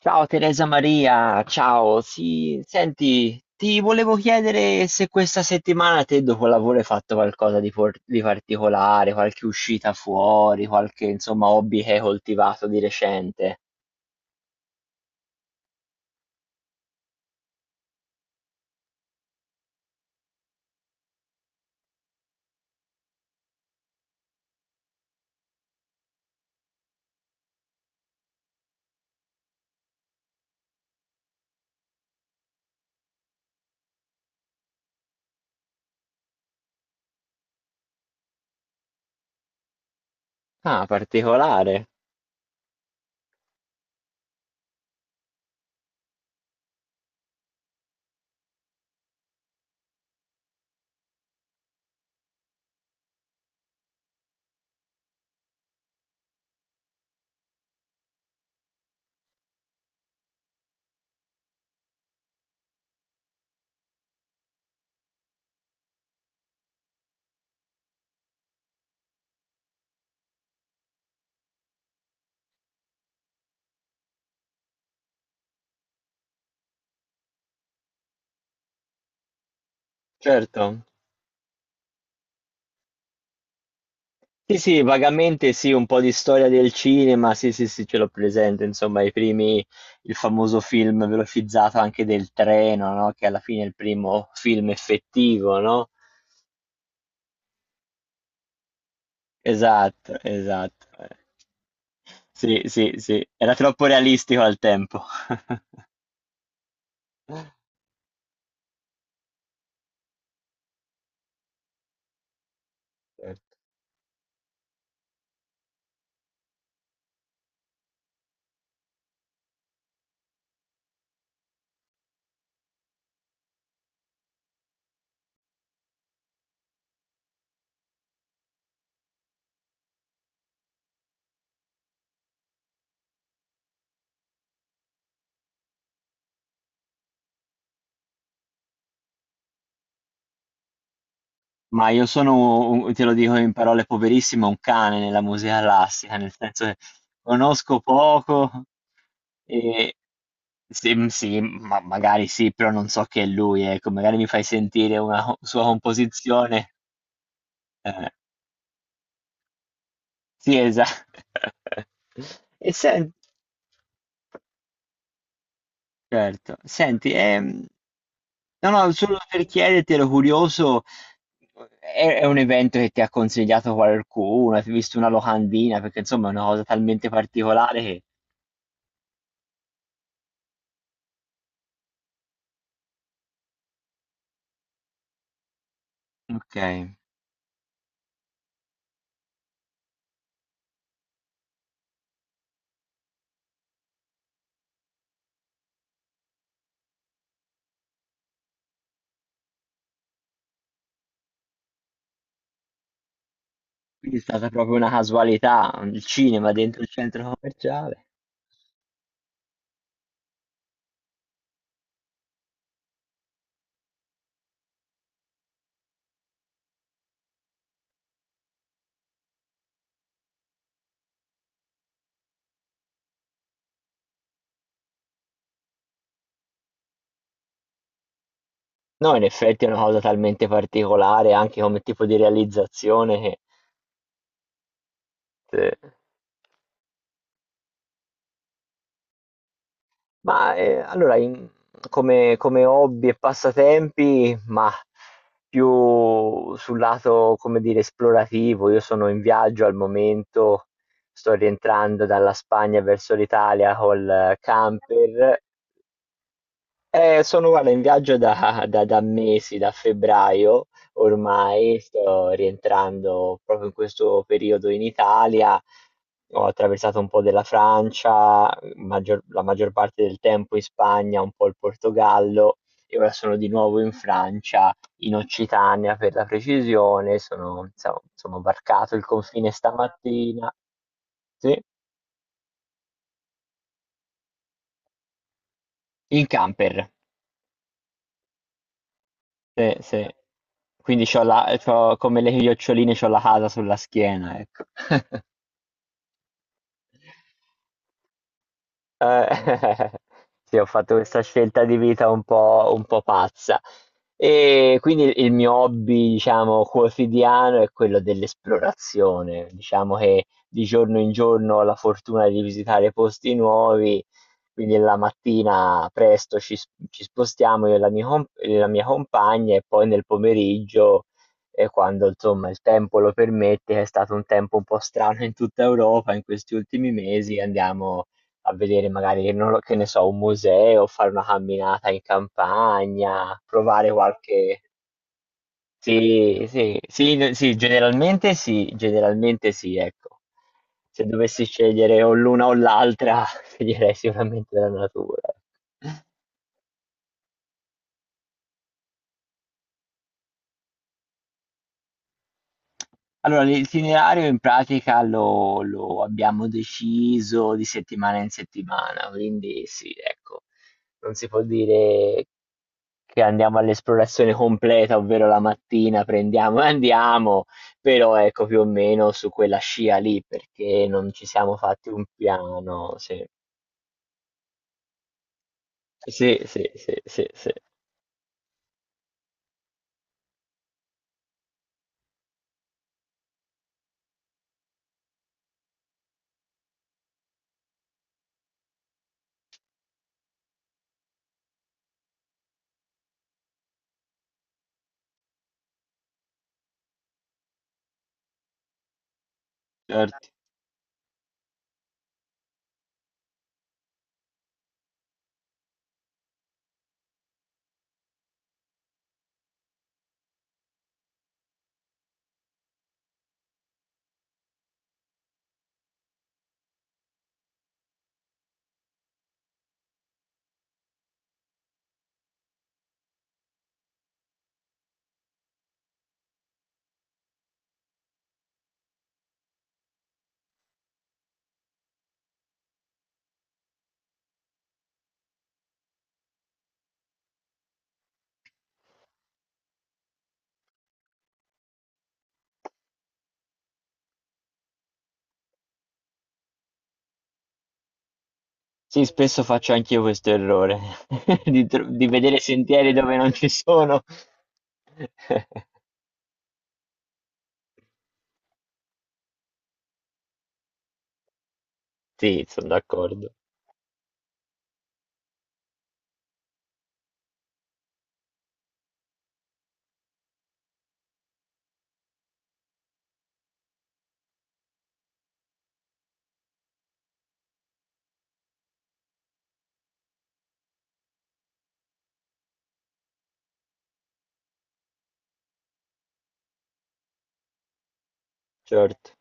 Ciao Teresa Maria, ciao. Sì, senti, ti volevo chiedere se questa settimana te dopo lavoro hai fatto qualcosa di, di particolare, qualche uscita fuori, qualche insomma hobby che hai coltivato di recente. Ah, particolare, certo. Sì, sì, vagamente sì, un po' di storia del cinema, sì, sì, sì, ce l'ho presente, insomma, i primi, il famoso film velocizzato anche del treno, no? Che alla fine è il primo film effettivo, no? Esatto, esatto. Eh. Sì, sì, sì, era troppo realistico al tempo. Certo. Ma io sono, te lo dico in parole poverissime, un cane nella musica classica, nel senso che conosco poco e sì, sì, ma magari sì, però non so che è lui, ecco, magari mi fai sentire una sua composizione. Eh, sì, esatto. E senti. Certo. Senti, no, no, solo per chiederti, ero curioso, è un evento che ti ha consigliato qualcuno? Hai visto una locandina? Perché insomma è una cosa talmente particolare che okay, quindi è stata proprio una casualità, il cinema dentro il centro commerciale. No, in effetti è una cosa talmente particolare anche come tipo di realizzazione che sì. Ma, allora in come hobby e passatempi, mah, più sul lato, come dire, esplorativo. Io sono in viaggio al momento, sto rientrando dalla Spagna verso l'Italia col camper. Eh, sono guarda, in viaggio da, da mesi, da febbraio ormai, sto rientrando proprio in questo periodo in Italia, ho attraversato un po' della Francia, la maggior parte del tempo in Spagna, un po' il Portogallo e ora sono di nuovo in Francia, in Occitania per la precisione, sono, insomma, sono varcato il confine stamattina, sì, in camper. Sì, sì. Quindi c'ho come le chioccioline, c'ho la casa sulla schiena, ecco. Eh, sì, ho fatto questa scelta di vita un po' pazza. E quindi il mio hobby, diciamo, quotidiano è quello dell'esplorazione. Diciamo che di giorno in giorno ho la fortuna di visitare posti nuovi, quindi la mattina presto ci, ci spostiamo io e la mia, e la mia compagna e poi nel pomeriggio, quando insomma il tempo lo permette, che è stato un tempo un po' strano in tutta Europa in questi ultimi mesi, andiamo a vedere magari, non lo- che ne so, un museo, fare una camminata in campagna, provare qualche... Sì, sì, sì, sì, generalmente sì, generalmente sì, ecco. Se dovessi scegliere o l'una o l'altra, sceglierei sicuramente la natura. Allora, l'itinerario in pratica lo abbiamo deciso di settimana in settimana, quindi sì, ecco, non si può dire che andiamo all'esplorazione completa, ovvero la mattina prendiamo e andiamo, però ecco più o meno su quella scia lì, perché non ci siamo fatti un piano. Sì, sì, sì, sì, sì, sì, certo. Sì, spesso faccio anch'io questo errore di, di vedere sentieri dove non ci sono. Sì, sono d'accordo, certo.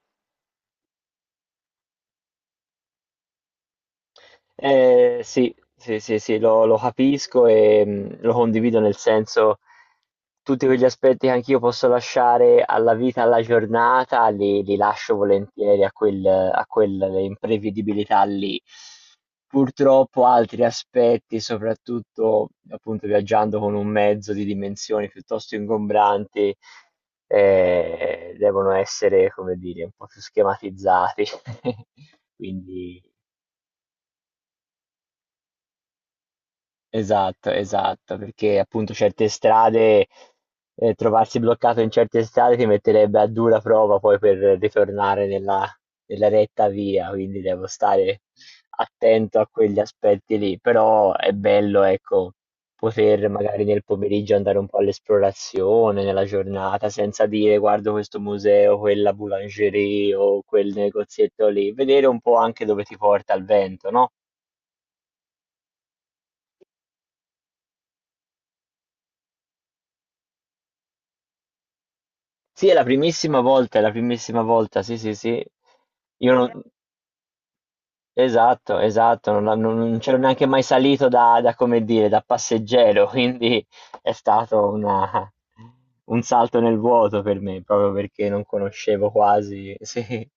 Sì, sì, sì, sì, lo capisco e lo condivido nel senso tutti quegli aspetti che anch'io posso lasciare alla vita, alla giornata, li lascio volentieri a a quelle imprevedibilità lì. Purtroppo altri aspetti, soprattutto appunto viaggiando con un mezzo di dimensioni piuttosto ingombranti, devono essere, come dire, un po' più schematizzati. Quindi esatto, esatto, perché appunto certe strade, trovarsi bloccato in certe strade ti metterebbe a dura prova poi per ritornare nella, nella retta via, quindi devo stare attento a quegli aspetti lì, però è bello, ecco, poter magari nel pomeriggio andare un po' all'esplorazione, nella giornata, senza dire guardo questo museo, quella boulangerie o quel negozietto lì, vedere un po' anche dove ti porta il vento, no? Sì, è la primissima volta, è la primissima volta, sì, sì, sì. Io eh, non... Esatto, esatto, non c'ero neanche mai salito da, da, come dire, da passeggero, quindi è stato un salto nel vuoto per me, proprio perché non conoscevo quasi, sì,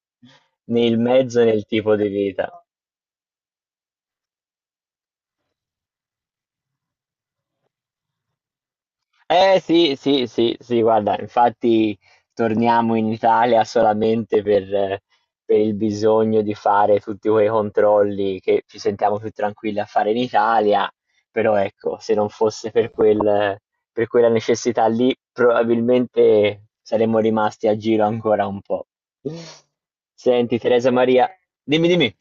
né il mezzo né il tipo di vita. Eh sì, sì, sì, sì, guarda, infatti torniamo in Italia solamente per il bisogno di fare tutti quei controlli che ci sentiamo più tranquilli a fare in Italia, però ecco, se non fosse per quel, per quella necessità lì, probabilmente saremmo rimasti a giro ancora un po'. Senti, Teresa Maria, dimmi, dimmi.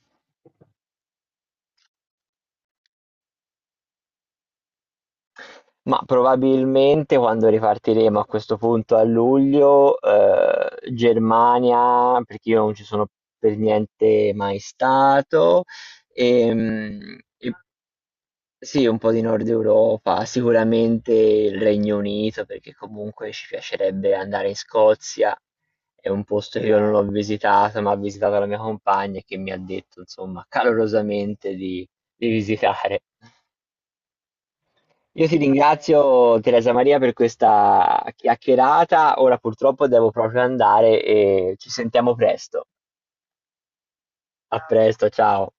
Ma probabilmente quando ripartiremo a questo punto a luglio, Germania, perché io non ci sono per niente mai stato, e sì, un po' di Nord Europa, sicuramente il Regno Unito, perché comunque ci piacerebbe andare in Scozia, è un posto che io non ho visitato, ma ha visitato la mia compagna e che mi ha detto, insomma, calorosamente di visitare. Io ti ringrazio Teresa Maria per questa chiacchierata. Ora purtroppo devo proprio andare e ci sentiamo presto. A presto, ciao.